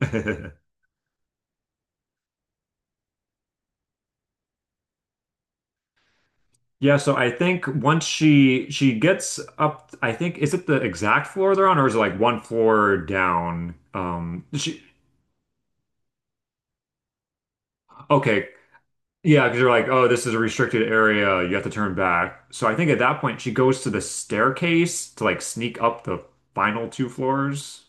Yeah, so I think once she gets up, I think is it the exact floor they're on, or is it like one floor down? She okay, yeah, because they're like, oh, this is a restricted area, you have to turn back. So I think at that point she goes to the staircase to like sneak up the final two floors.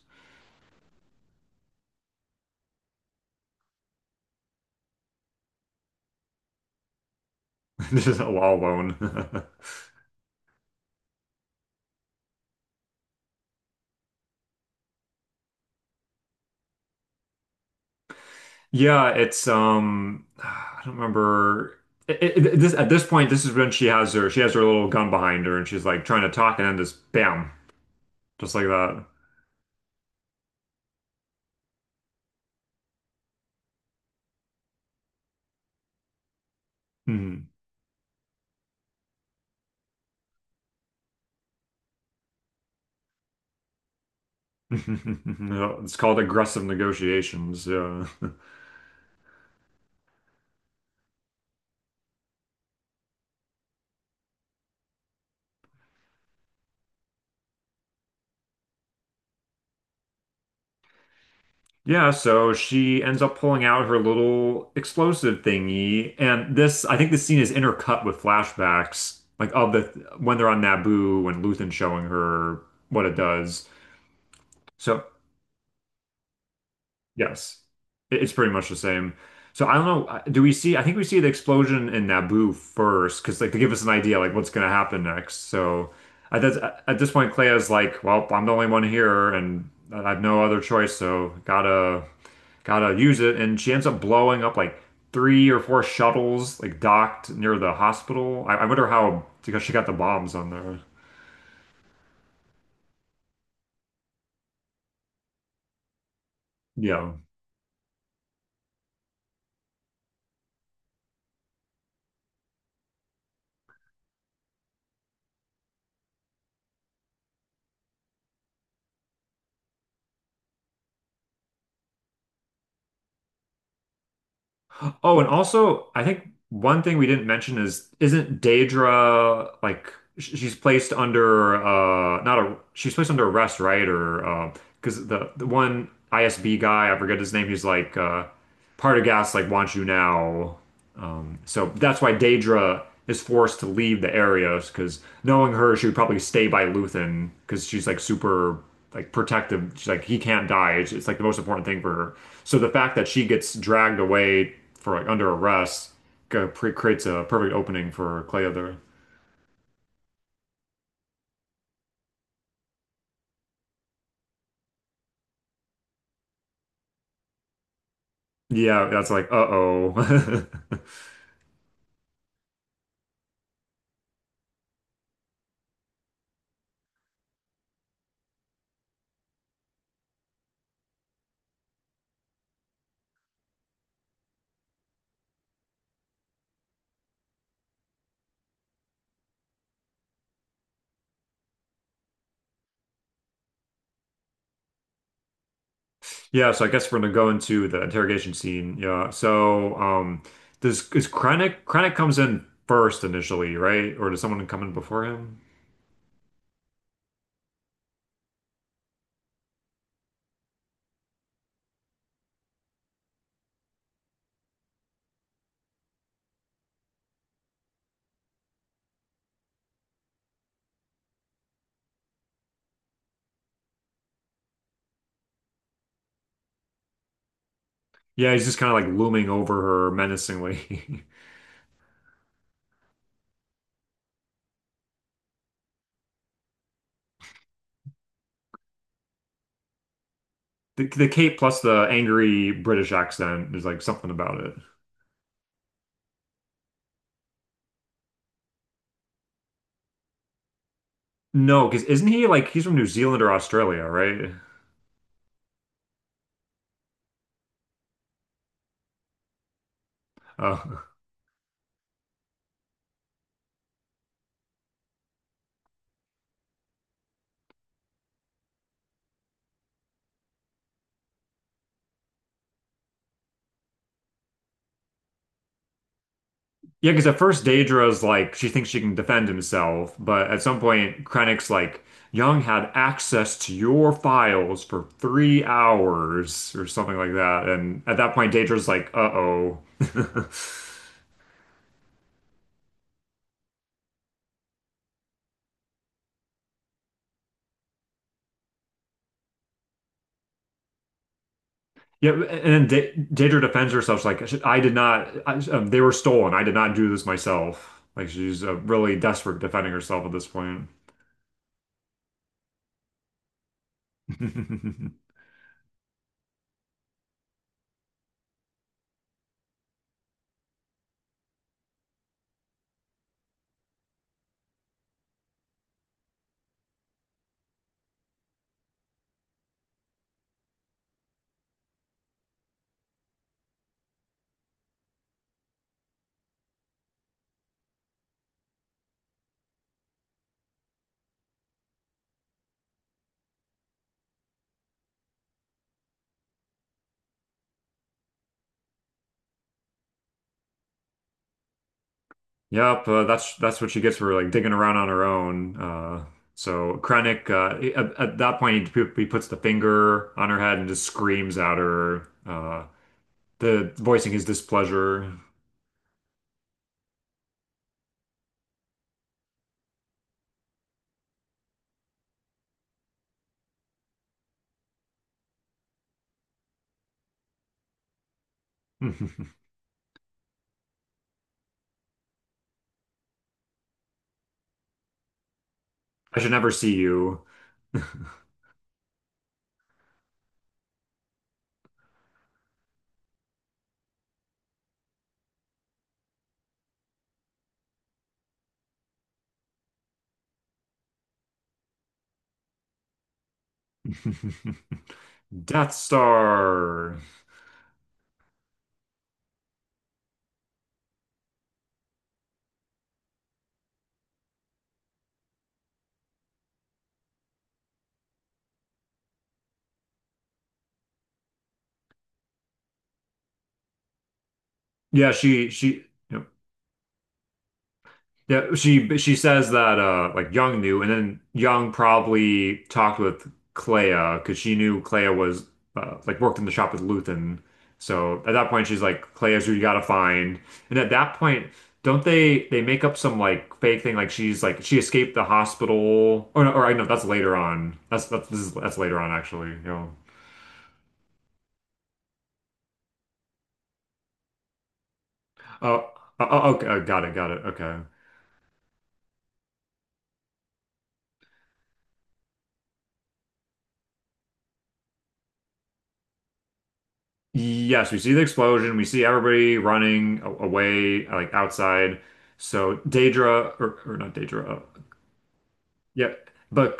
This is all alone. Yeah, it's I don't remember. It- it- this at this point, this is when she has her little gun behind her, and she's like trying to talk, and then this bam. Just like that. Hmm. It's called aggressive negotiations. Yeah. Yeah, so she ends up pulling out her little explosive thingy, and this I think this scene is intercut with flashbacks, like of the when they're on Naboo when Luthen's showing her what it does. So yes. It's pretty much the same. So I don't know. Do we see? I think we see the explosion in Naboo first, because like to give us an idea like what's going to happen next. So at this, at this point, Clea's like, "Well, I'm the only one here, and I have no other choice, so gotta use it." And she ends up blowing up like three or four shuttles like docked near the hospital. I wonder how because she got the bombs on there. Yeah. Oh, and also, I think one thing we didn't mention is isn't Daedra like she's placed under not a she's placed under arrest, right? Or because the one ISB guy, I forget his name, he's like Partagas like wants you now. So that's why Daedra is forced to leave the Arios because knowing her, she would probably stay by Luthen because she's like super like protective. She's like he can't die. It's like the most important thing for her. So the fact that she gets dragged away for like under arrest uh, creates a perfect opening for Cleother. Yeah, that's like uh oh. Yeah, so I guess we're gonna go into the interrogation scene. Yeah. So, does is Krennic comes in first initially, right? Or does someone come in before him? Yeah, he's just kind of like looming over her menacingly. The cape plus the angry British accent, there's like something about it. No, because isn't he like he's from New Zealand or Australia, right? Oh, yeah, because at first Daedra's like she thinks she can defend himself, but at some point Krennic's like Young had access to your files for 3 hours or something like that, and at that point Daedra's like, "Uh-oh." Yeah, and then Daedra defends herself. She's like, "I did not. I, they were stolen. I did not do this myself." Like she's really desperate defending herself at this point. Yep, that's what she gets for like digging around on her own. So Krennic, at that point, he puts the finger on her head and just screams at her, the voicing his displeasure. I should never see you. Death Star. Yeah, she she. Yep. Yeah, she says that like Young knew, and then Young probably talked with Clea because she knew Clea was like worked in the shop with Luthen. So at that point, she's like, "Clea's who you gotta find." And at that point, don't they make up some like fake thing like she's like she escaped the hospital or no, or I know that's later on. That's this is that's later on actually. You know. Oh, oh, oh, okay, oh, got it, got it. Okay. Yes, we see the explosion. We see everybody running away, like outside. So Daedra, or not Daedra, yeah, but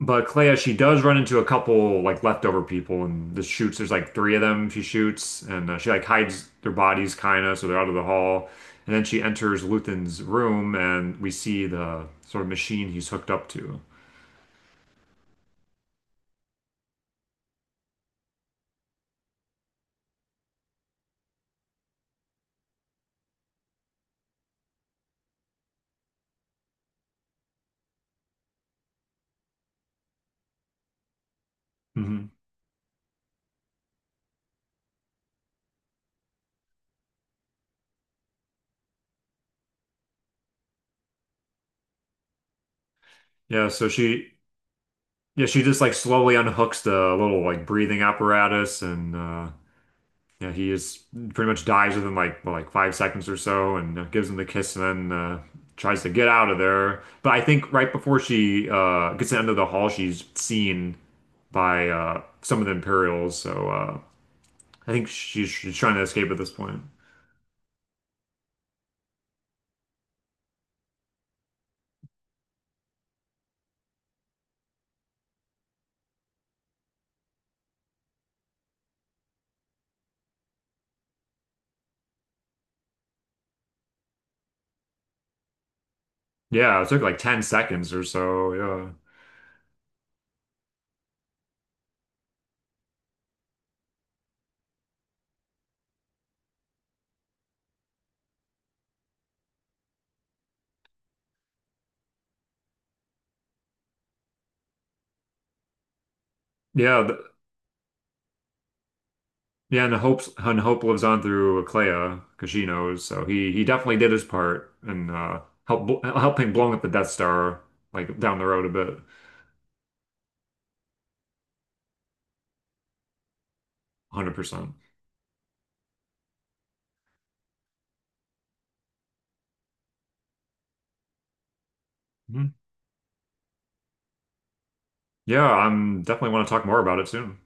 but Clea, she does run into a couple like leftover people, and this shoots. There's like three of them. She shoots, and she like hides their bodies, kind of, so they're out of the hall. And then she enters Luthen's room, and we see the sort of machine he's hooked up to. Hmm. Yeah, so yeah, she just like slowly unhooks the little like breathing apparatus, and yeah, he is pretty much dies within like well, like 5 seconds or so, and gives him the kiss, and then tries to get out of there. But I think right before she gets to the end of the hall, she's seen by some of the Imperials. So I think she's trying to escape at this point. Yeah, it took like 10 seconds or so. Yeah, yeah, the, yeah. And Hope lives on through Clea because she knows. So he definitely did his part and helping blowing up the Death Star like down the road a bit. 100%. Mhm. Yeah, I'm definitely want to talk more about it soon.